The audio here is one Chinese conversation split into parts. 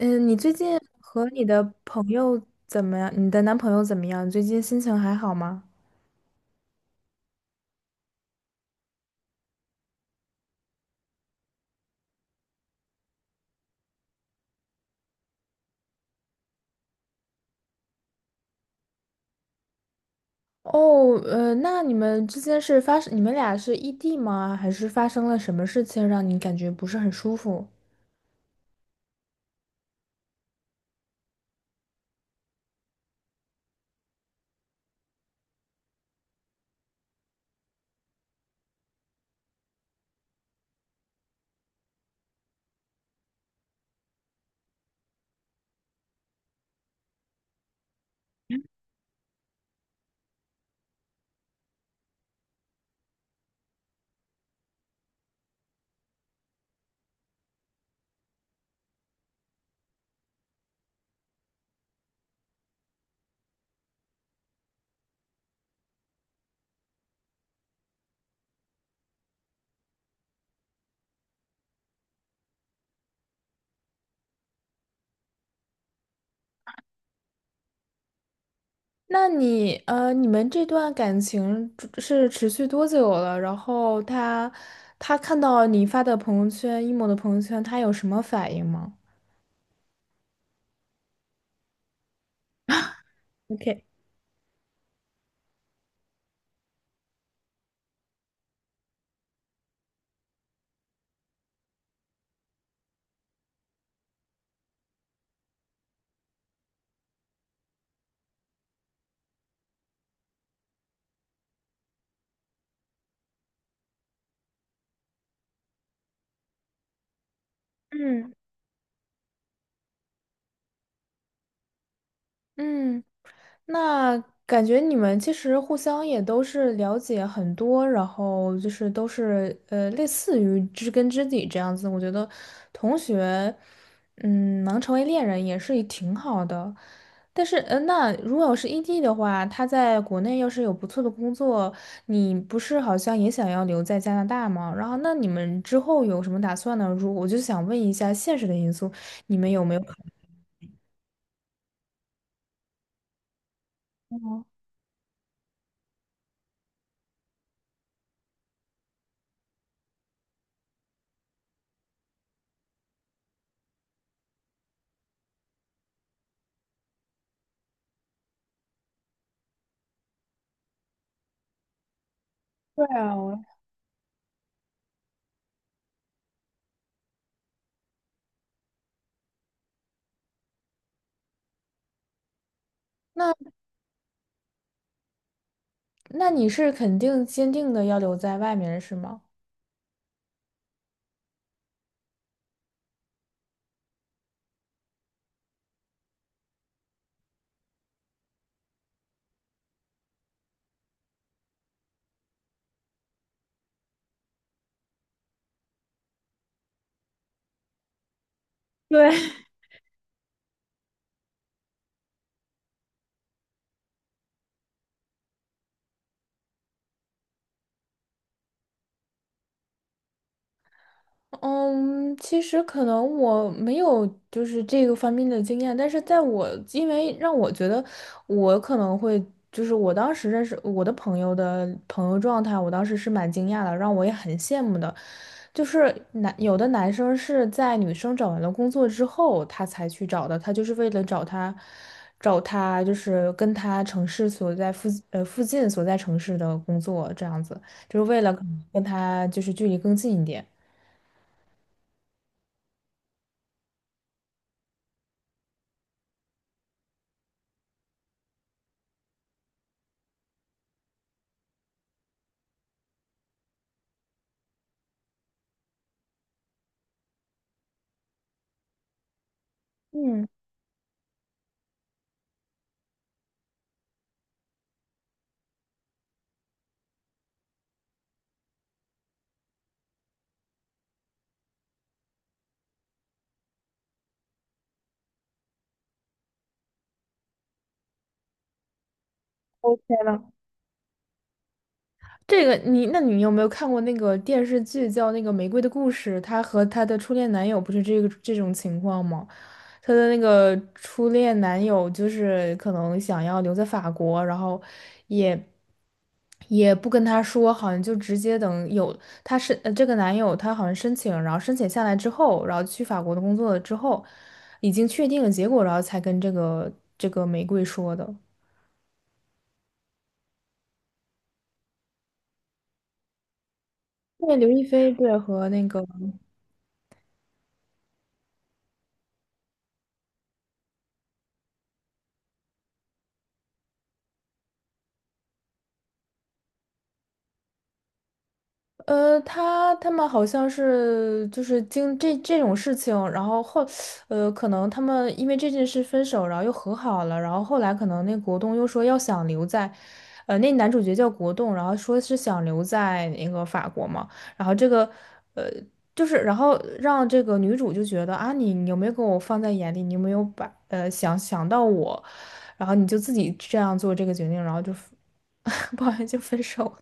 嗯，你最近和你的朋友怎么样？你的男朋友怎么样？你最近心情还好吗？哦，那你们之间是发生，你们俩是异地吗？还是发生了什么事情让你感觉不是很舒服？那你，你们这段感情是持续多久了？然后他，他看到你发的朋友圈，emo 的朋友圈，他有什么反应吗？OK，嗯，嗯，那感觉你们其实互相也都是了解很多，然后就是都是类似于知根知底这样子。我觉得同学，嗯，能成为恋人也是挺好的。但是，那如果要是异地的话，他在国内要是有不错的工作，你不是好像也想要留在加拿大吗？然后，那你们之后有什么打算呢？如我就想问一下现实的因素，你们有没有考？对啊，我那你是肯定坚定的要留在外面是吗？对，对嗯，其实可能我没有就是这个方面的经验，但是在我因为让我觉得我可能会就是我当时认识我的朋友状态，我当时是蛮惊讶的，让我也很羡慕的。就是男有的男生是在女生找完了工作之后，他才去找的，他就是为了找他就是跟他城市所在附近所在城市的工作这样子，就是为了可能跟他就是距离更近一点。嗯，OK 了，这个你，那你有没有看过那个电视剧叫那个《玫瑰的故事》？她和她的初恋男友不是这个这种情况吗？她的那个初恋男友就是可能想要留在法国，然后也也不跟她说，好像就直接等有她是这个男友他好像申请，然后申请下来之后，然后去法国的工作了之后，已经确定了结果，然后才跟这个玫瑰说的。对，刘亦菲对和那个。呃，他们好像是就是这种事情，然后后，可能他们因为这件事分手，然后又和好了，然后后来可能那国栋又说要想留在，呃，那男主角叫国栋，然后说是想留在那个法国嘛，然后这个，呃，就是然后让这个女主就觉得啊，你有没有给我放在眼里，你有没有把想到我，然后你就自己这样做这个决定，然后就，不好意思就分手了。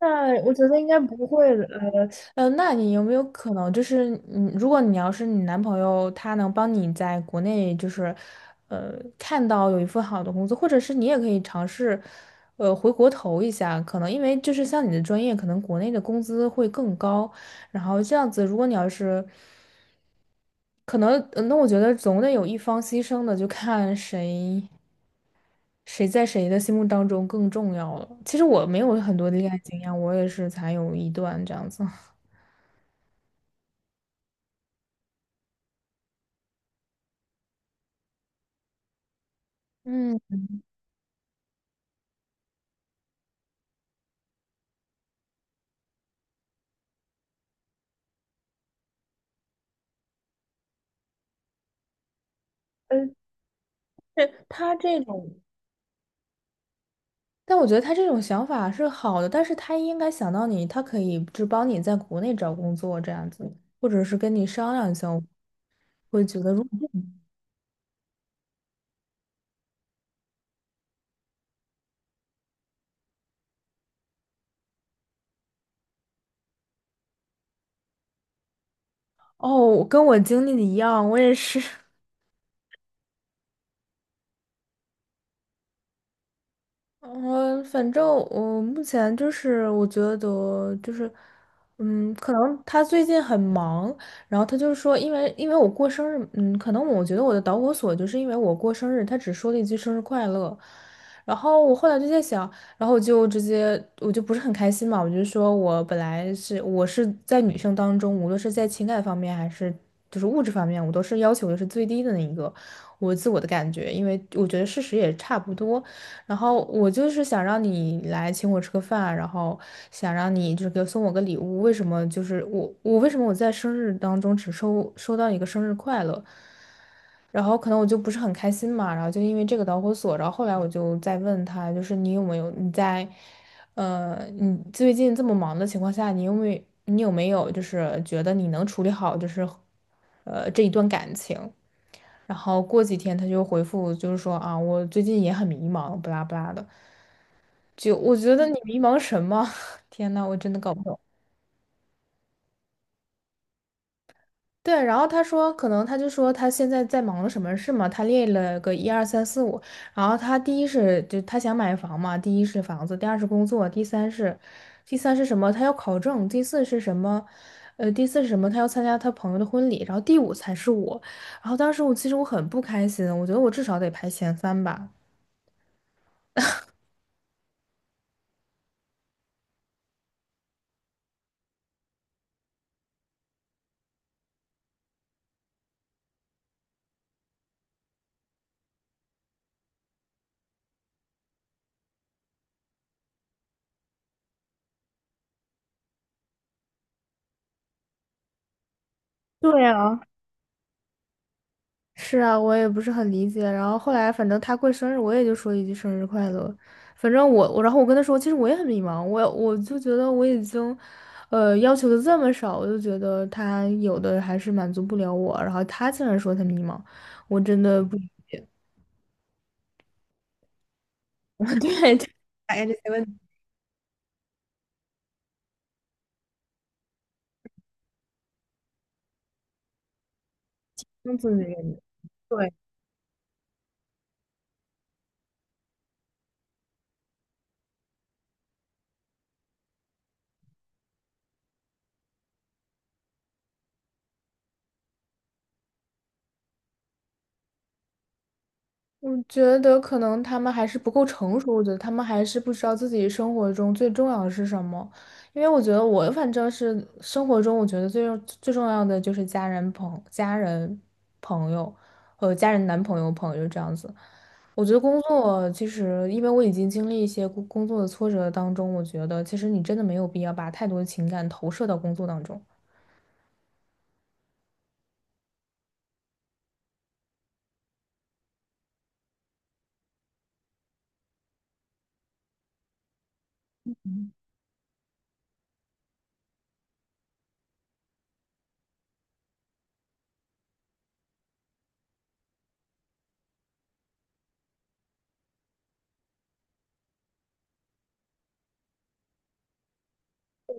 那我觉得应该不会那你有没有可能就是，嗯，如果你要是你男朋友他能帮你在国内就是，呃，看到有一份好的工作，或者是你也可以尝试，回国投一下，可能因为就是像你的专业，可能国内的工资会更高，然后这样子，如果你要是，可能，那我觉得总得有一方牺牲的，就看谁。谁在谁的心目当中更重要了？其实我没有很多的恋爱经验，我也是才有一段这样子。嗯，呃，是他这种，但我觉得他这种想法是好的，但是他应该想到你，他可以就帮你在国内找工作这样子，或者是跟你商量一下。我会觉得如哦，跟我经历的一样，我也是。呃，反正我目前就是我觉得就是，嗯，可能他最近很忙，然后他就说，因为我过生日，嗯，可能我觉得我的导火索就是因为我过生日，他只说了一句生日快乐，然后我后来就在想，然后我就直接我就不是很开心嘛，我就说我是在女生当中，无论是在情感方面还是就是物质方面，我都是要求的是最低的那一个，我自我的感觉，因为我觉得事实也差不多。然后我就是想让你来请我吃个饭，然后想让你就这个送我个礼物。为什么就是我为什么我在生日当中只收到一个生日快乐，然后可能我就不是很开心嘛，然后就因为这个导火索，然后后来我就在问他，就是你有没有你在，呃，你最近这么忙的情况下，你有没有就是觉得你能处理好就是，呃，这一段感情？然后过几天他就回复就是说啊，我最近也很迷茫，不拉不拉的。就我觉得你迷茫什么？天呐，我真的搞不懂。对，然后他说，可能他就说他现在在忙什么事嘛，他列了个一二三四五，然后他第一是就他想买房嘛，第一是房子，第二是工作，第三是，第三是什么？他要考证，第四是什么？第四是什么？他要参加他朋友的婚礼，然后第五才是我。然后当时其实我很不开心，我觉得我至少得排前三吧。对啊，是啊，我也不是很理解。然后后来，反正他过生日，我也就说一句生日快乐。反正我，我然后我跟他说，其实我也很迷茫，我就觉得我已经，呃，要求的这么少，我就觉得他有的还是满足不了我。然后他竟然说他迷茫，我真的不理解。对，就，哎，这些问题，这么自己的人，对。我觉得可能他们还是不够成熟，我觉得他们还是不知道自己生活中最重要的是什么。因为我觉得我反正是生活中，我觉得最重要的就是朋友和家人、男朋友、朋友这样子。我觉得工作其实，因为我已经经历一些工作的挫折当中，我觉得其实你真的没有必要把太多的情感投射到工作当中，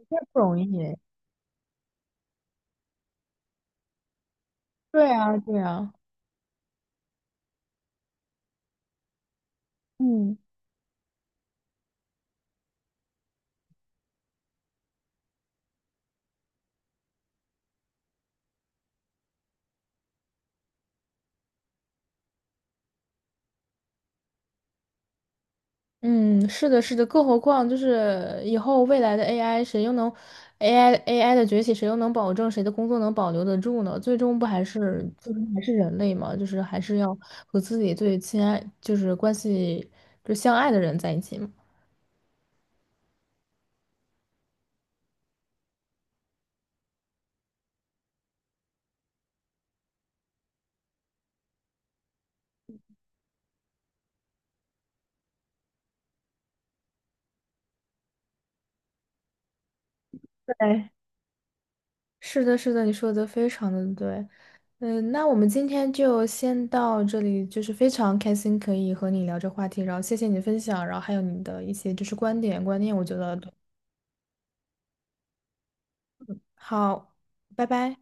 这不容易。对啊，对啊，嗯。嗯，是的，是的，更何况就是以后未来的 AI，谁又能 AI 的崛起，谁又能保证谁的工作能保留得住呢？最终不还是最终还是人类嘛？就是还是要和自己最亲爱，就是就相爱的人在一起嘛。对，是的，是的，你说的非常的对。嗯，那我们今天就先到这里，就是非常开心可以和你聊这话题，然后谢谢你的分享，然后还有你的一些就是观念，我觉得好，拜拜。